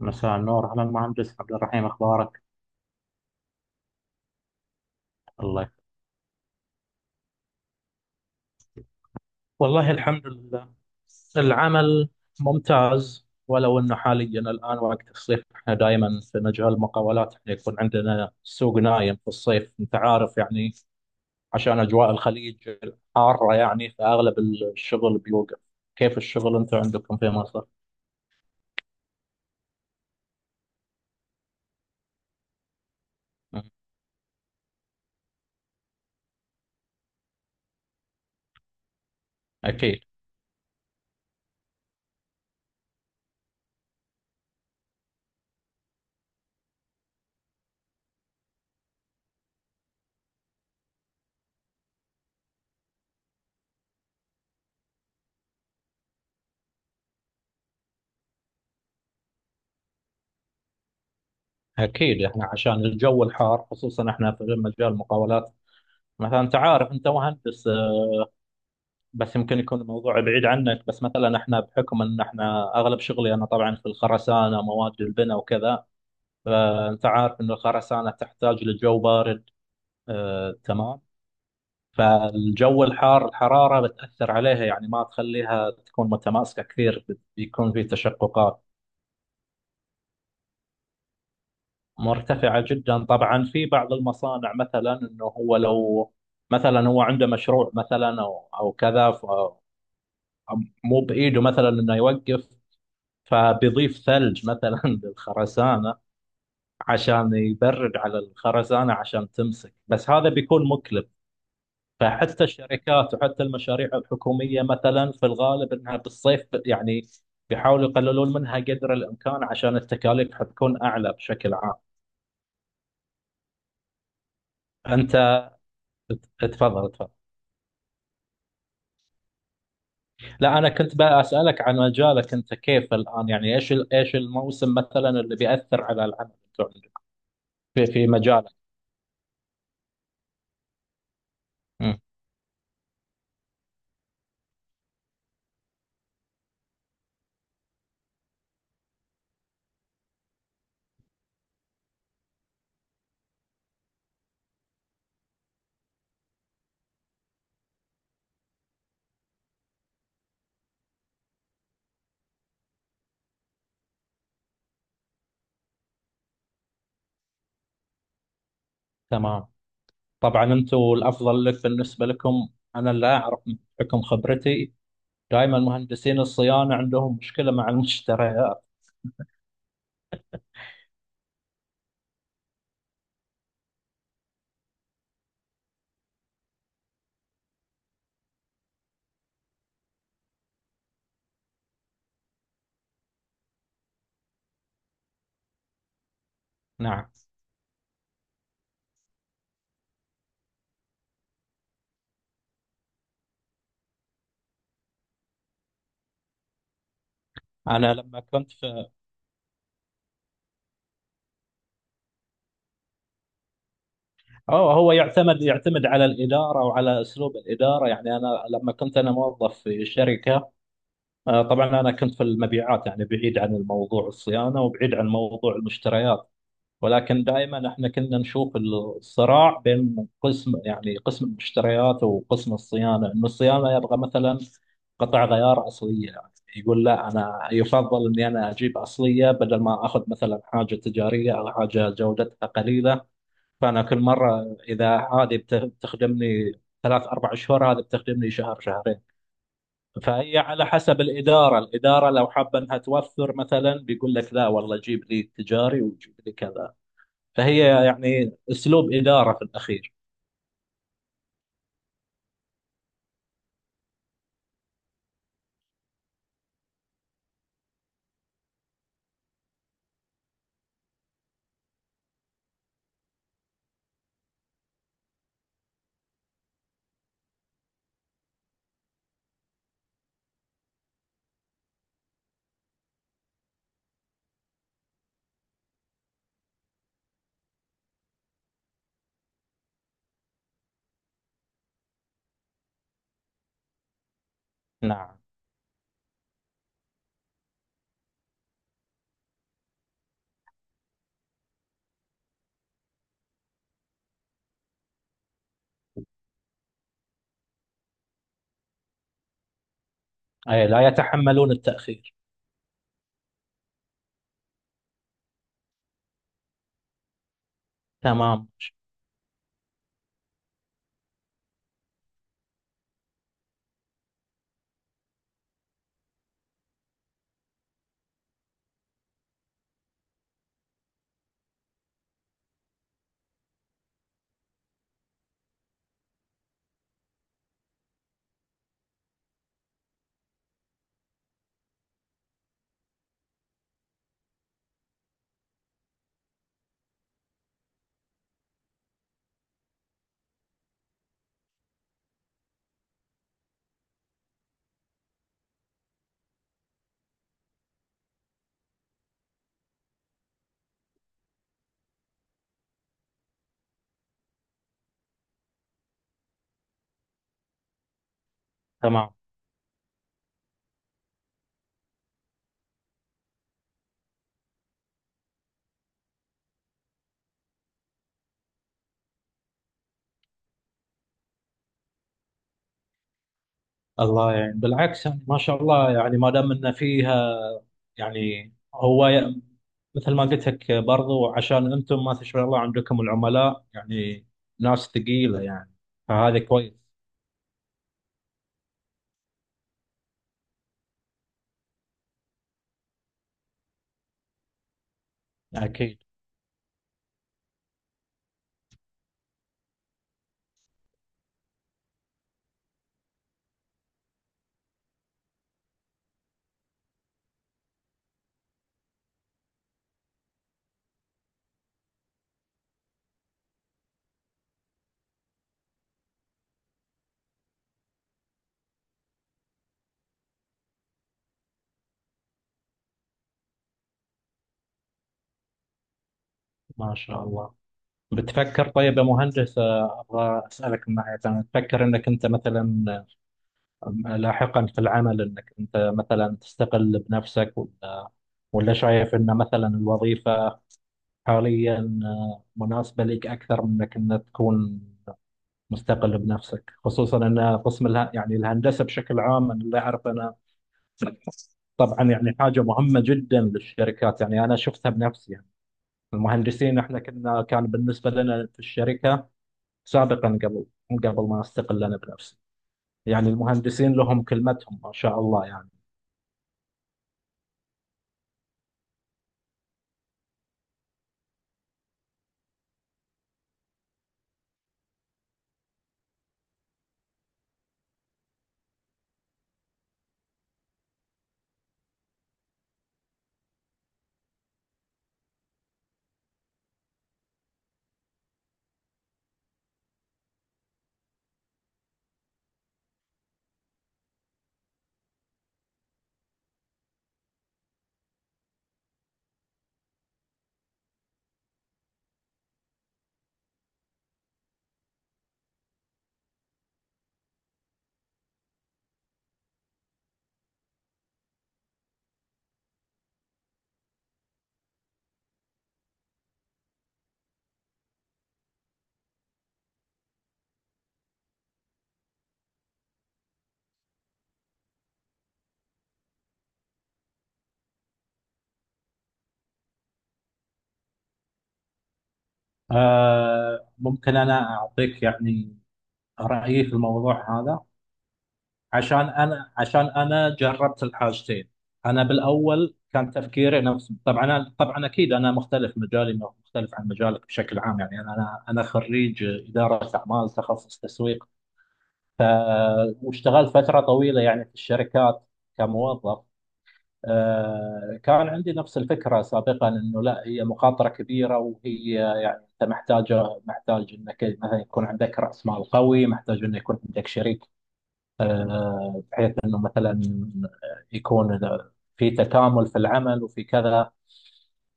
مساء النور، أهلا مهندس عبد الرحيم. أخبارك؟ الله يخ- والله الحمد لله. العمل ممتاز، ولو انه حاليا الان وقت الصيف. احنا دائما في مجال المقاولات، احنا يكون عندنا سوق نايم في الصيف، انت عارف يعني. عشان اجواء الخليج حاره يعني، فاغلب الشغل بيوقف. كيف الشغل انت عندكم في مصر؟ مم. اكيد، اكيد، احنا عشان الجو الحار، خصوصا احنا في مجال المقاولات. مثلا انت عارف، انت مهندس، بس يمكن يكون الموضوع بعيد عنك، بس مثلا احنا بحكم ان احنا اغلب شغلي انا طبعا في الخرسانه، مواد البناء وكذا. فانت عارف ان الخرسانه تحتاج لجو بارد. آه، تمام. فالجو الحار، الحراره بتاثر عليها، يعني ما تخليها تكون متماسكه كثير، بيكون في تشققات. مرتفعه جدا طبعا. في بعض المصانع مثلا، انه هو لو مثلا هو عنده مشروع مثلا او كذا، مو بايده مثلا انه يوقف، فبيضيف ثلج مثلا للخرسانة، عشان يبرد على الخرسانة عشان تمسك. بس هذا بيكون مكلف. فحتى الشركات وحتى المشاريع الحكومية مثلا، في الغالب انها بالصيف يعني بيحاولوا يقللون منها قدر الامكان، عشان التكاليف حتكون اعلى بشكل عام. انت اتفضل، اتفضل. لا، انا كنت بقى اسالك عن مجالك انت كيف الان. يعني ايش الموسم مثلا اللي بيأثر على العمل بتوع عندك، في مجالك. مم. تمام. طبعا انتم الافضل لك بالنسبه لكم، انا لا اعرف. بحكم خبرتي، دائما مهندسين الصيانه عندهم مشكله مع المشتريات. نعم. انا لما كنت في... أو هو يعتمد يعتمد على الاداره وعلى اسلوب الاداره. يعني انا لما كنت انا موظف في شركه، طبعا انا كنت في المبيعات، يعني بعيد عن الموضوع الصيانه وبعيد عن موضوع المشتريات. ولكن دائما احنا كنا نشوف الصراع بين قسم، يعني قسم المشتريات وقسم الصيانه، انه الصيانه يبغى مثلا قطع غيار اصليه، يعني يقول لا، انا يفضل اني انا اجيب اصليه بدل ما اخذ مثلا حاجه تجاريه او حاجه جودتها قليله. فانا كل مره، اذا هذه بتخدمني ثلاث اربع شهور، هذه بتخدمني شهر شهرين. فهي على حسب الاداره، الاداره لو حابه انها توفر، مثلا بيقول لك لا والله جيب لي تجاري وجيب لي كذا. فهي يعني اسلوب اداره في الاخير. نعم. أي، لا يتحملون التاخير. تمام، تمام. الله، يعني بالعكس، يعني ما شاء الله، يعني ما دام ان فيها، يعني هو مثل ما قلت لك برضو، عشان انتم ما تشاء الله عندكم العملاء يعني ناس ثقيله يعني، فهذا كويس. أكيد. ما شاء الله. بتفكر طيب يا مهندس، ابغى اسالك من ناحيه، انا تفكر انك انت مثلا لاحقا في العمل انك انت مثلا تستقل بنفسك، ولا شايف ان مثلا الوظيفة حاليا، مناسبة لك اكثر من انك تكون مستقل بنفسك. خصوصا ان قسم يعني الهندسة بشكل عام، انا اللي اعرف انا طبعا يعني حاجة مهمة جدا للشركات. يعني انا شفتها بنفسي يعني، المهندسين احنا كنا كان بالنسبة لنا في الشركة سابقا قبل ما استقل انا بنفسي، يعني المهندسين لهم كلمتهم ما شاء الله يعني. ممكن أنا أعطيك يعني رأيي في الموضوع هذا. عشان أنا جربت الحاجتين. أنا بالأول كان تفكيري نفس، طبعا أنا، طبعا أكيد أنا مختلف، مجالي مختلف عن مجالك بشكل عام. يعني أنا خريج إدارة أعمال تخصص تسويق. ف... واشتغلت فترة طويلة يعني في الشركات كموظف. كان عندي نفس الفكرة سابقا، انه لا، هي مخاطرة كبيرة، وهي يعني انت محتاجة محتاج انك مثلا يكون عندك رأس مال قوي، محتاج انه يكون عندك شريك، بحيث انه مثلا يكون في تكامل في العمل وفي كذا.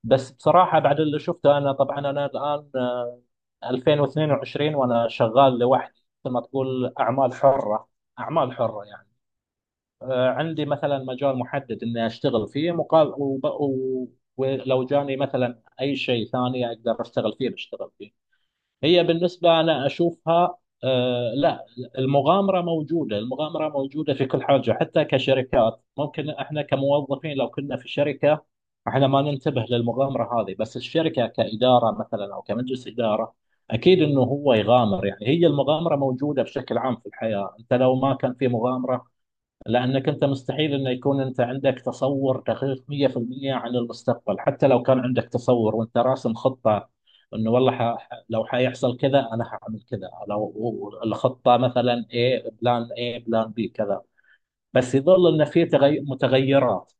بس بصراحة بعد اللي شفته، انا طبعا انا الان 2022 وانا شغال لوحدي، مثل ما تقول اعمال حرة. اعمال حرة يعني، عندي مثلا مجال محدد اني اشتغل فيه مقابل، ولو جاني مثلا اي شيء ثاني اقدر اشتغل فيه بشتغل فيه. هي بالنسبه انا اشوفها، لا، المغامره موجوده، المغامره موجوده في كل حاجه، حتى كشركات. ممكن احنا كموظفين لو كنا في شركه احنا ما ننتبه للمغامره هذه، بس الشركه كاداره مثلا او كمجلس اداره اكيد انه هو يغامر. يعني هي المغامره موجوده بشكل عام في الحياه، انت لو ما كان في مغامره، لأنك أنت مستحيل أن يكون أنت عندك تصور دقيق 100% عن المستقبل. حتى لو كان عندك تصور وأنت راسم خطة، أنه والله لو حيحصل كذا أنا حأعمل كذا. لو الخطة مثلا A، بلان A بلان B كذا، بس يظل أن في متغيرات.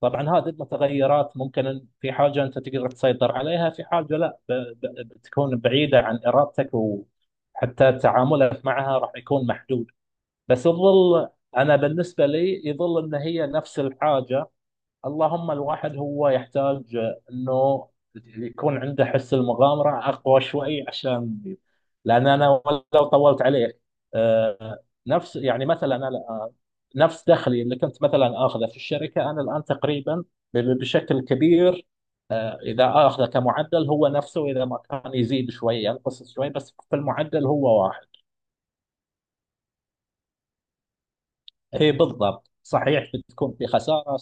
طبعا هذه المتغيرات ممكن أن في حاجة أنت تقدر تسيطر عليها، في حاجة لا، بتكون بعيدة عن إرادتك، وحتى تعاملك معها راح يكون محدود. بس يظل، انا بالنسبه لي يظل ان هي نفس الحاجه. اللهم الواحد هو يحتاج انه يكون عنده حس المغامره اقوى شوي، عشان، لان انا لو طولت عليه، آه، نفس، يعني مثلا انا الآن، نفس دخلي اللي كنت مثلا اخذه في الشركه انا الان تقريبا بشكل كبير. اذا اخذه كمعدل هو نفسه، اذا ما كان يزيد شوي ينقص شوي، بس في المعدل هو واحد. اي بالضبط صحيح. بتكون في خسارة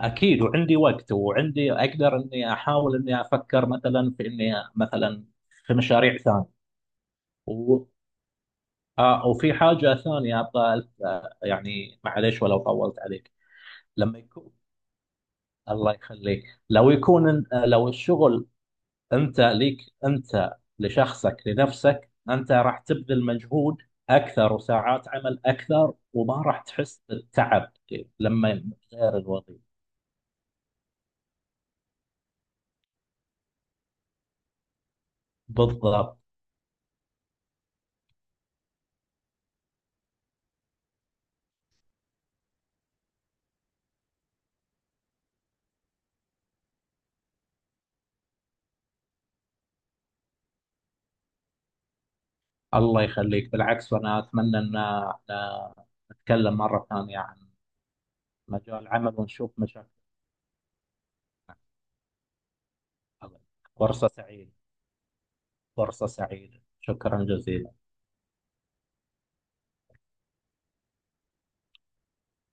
اكيد. وعندي وقت، وعندي اقدر اني احاول اني افكر مثلا في اني مثلا في مشاريع ثانية. و... آه وفي حاجة ثانية ابغى يعني معليش ولو طولت عليك. لما يكون... الله يخليك. لو يكون لو الشغل انت ليك، انت لشخصك لنفسك، انت راح تبذل مجهود اكثر وساعات عمل اكثر، وما راح تحس بالتعب لما غير الوظيفة. بالضبط. الله يخليك. بالعكس، وانا اتمنى ان نتكلم مره ثانيه عن مجال العمل ونشوف مشاكلنا. فرصه سعيده. فرصه سعيده، شكرا جزيلا.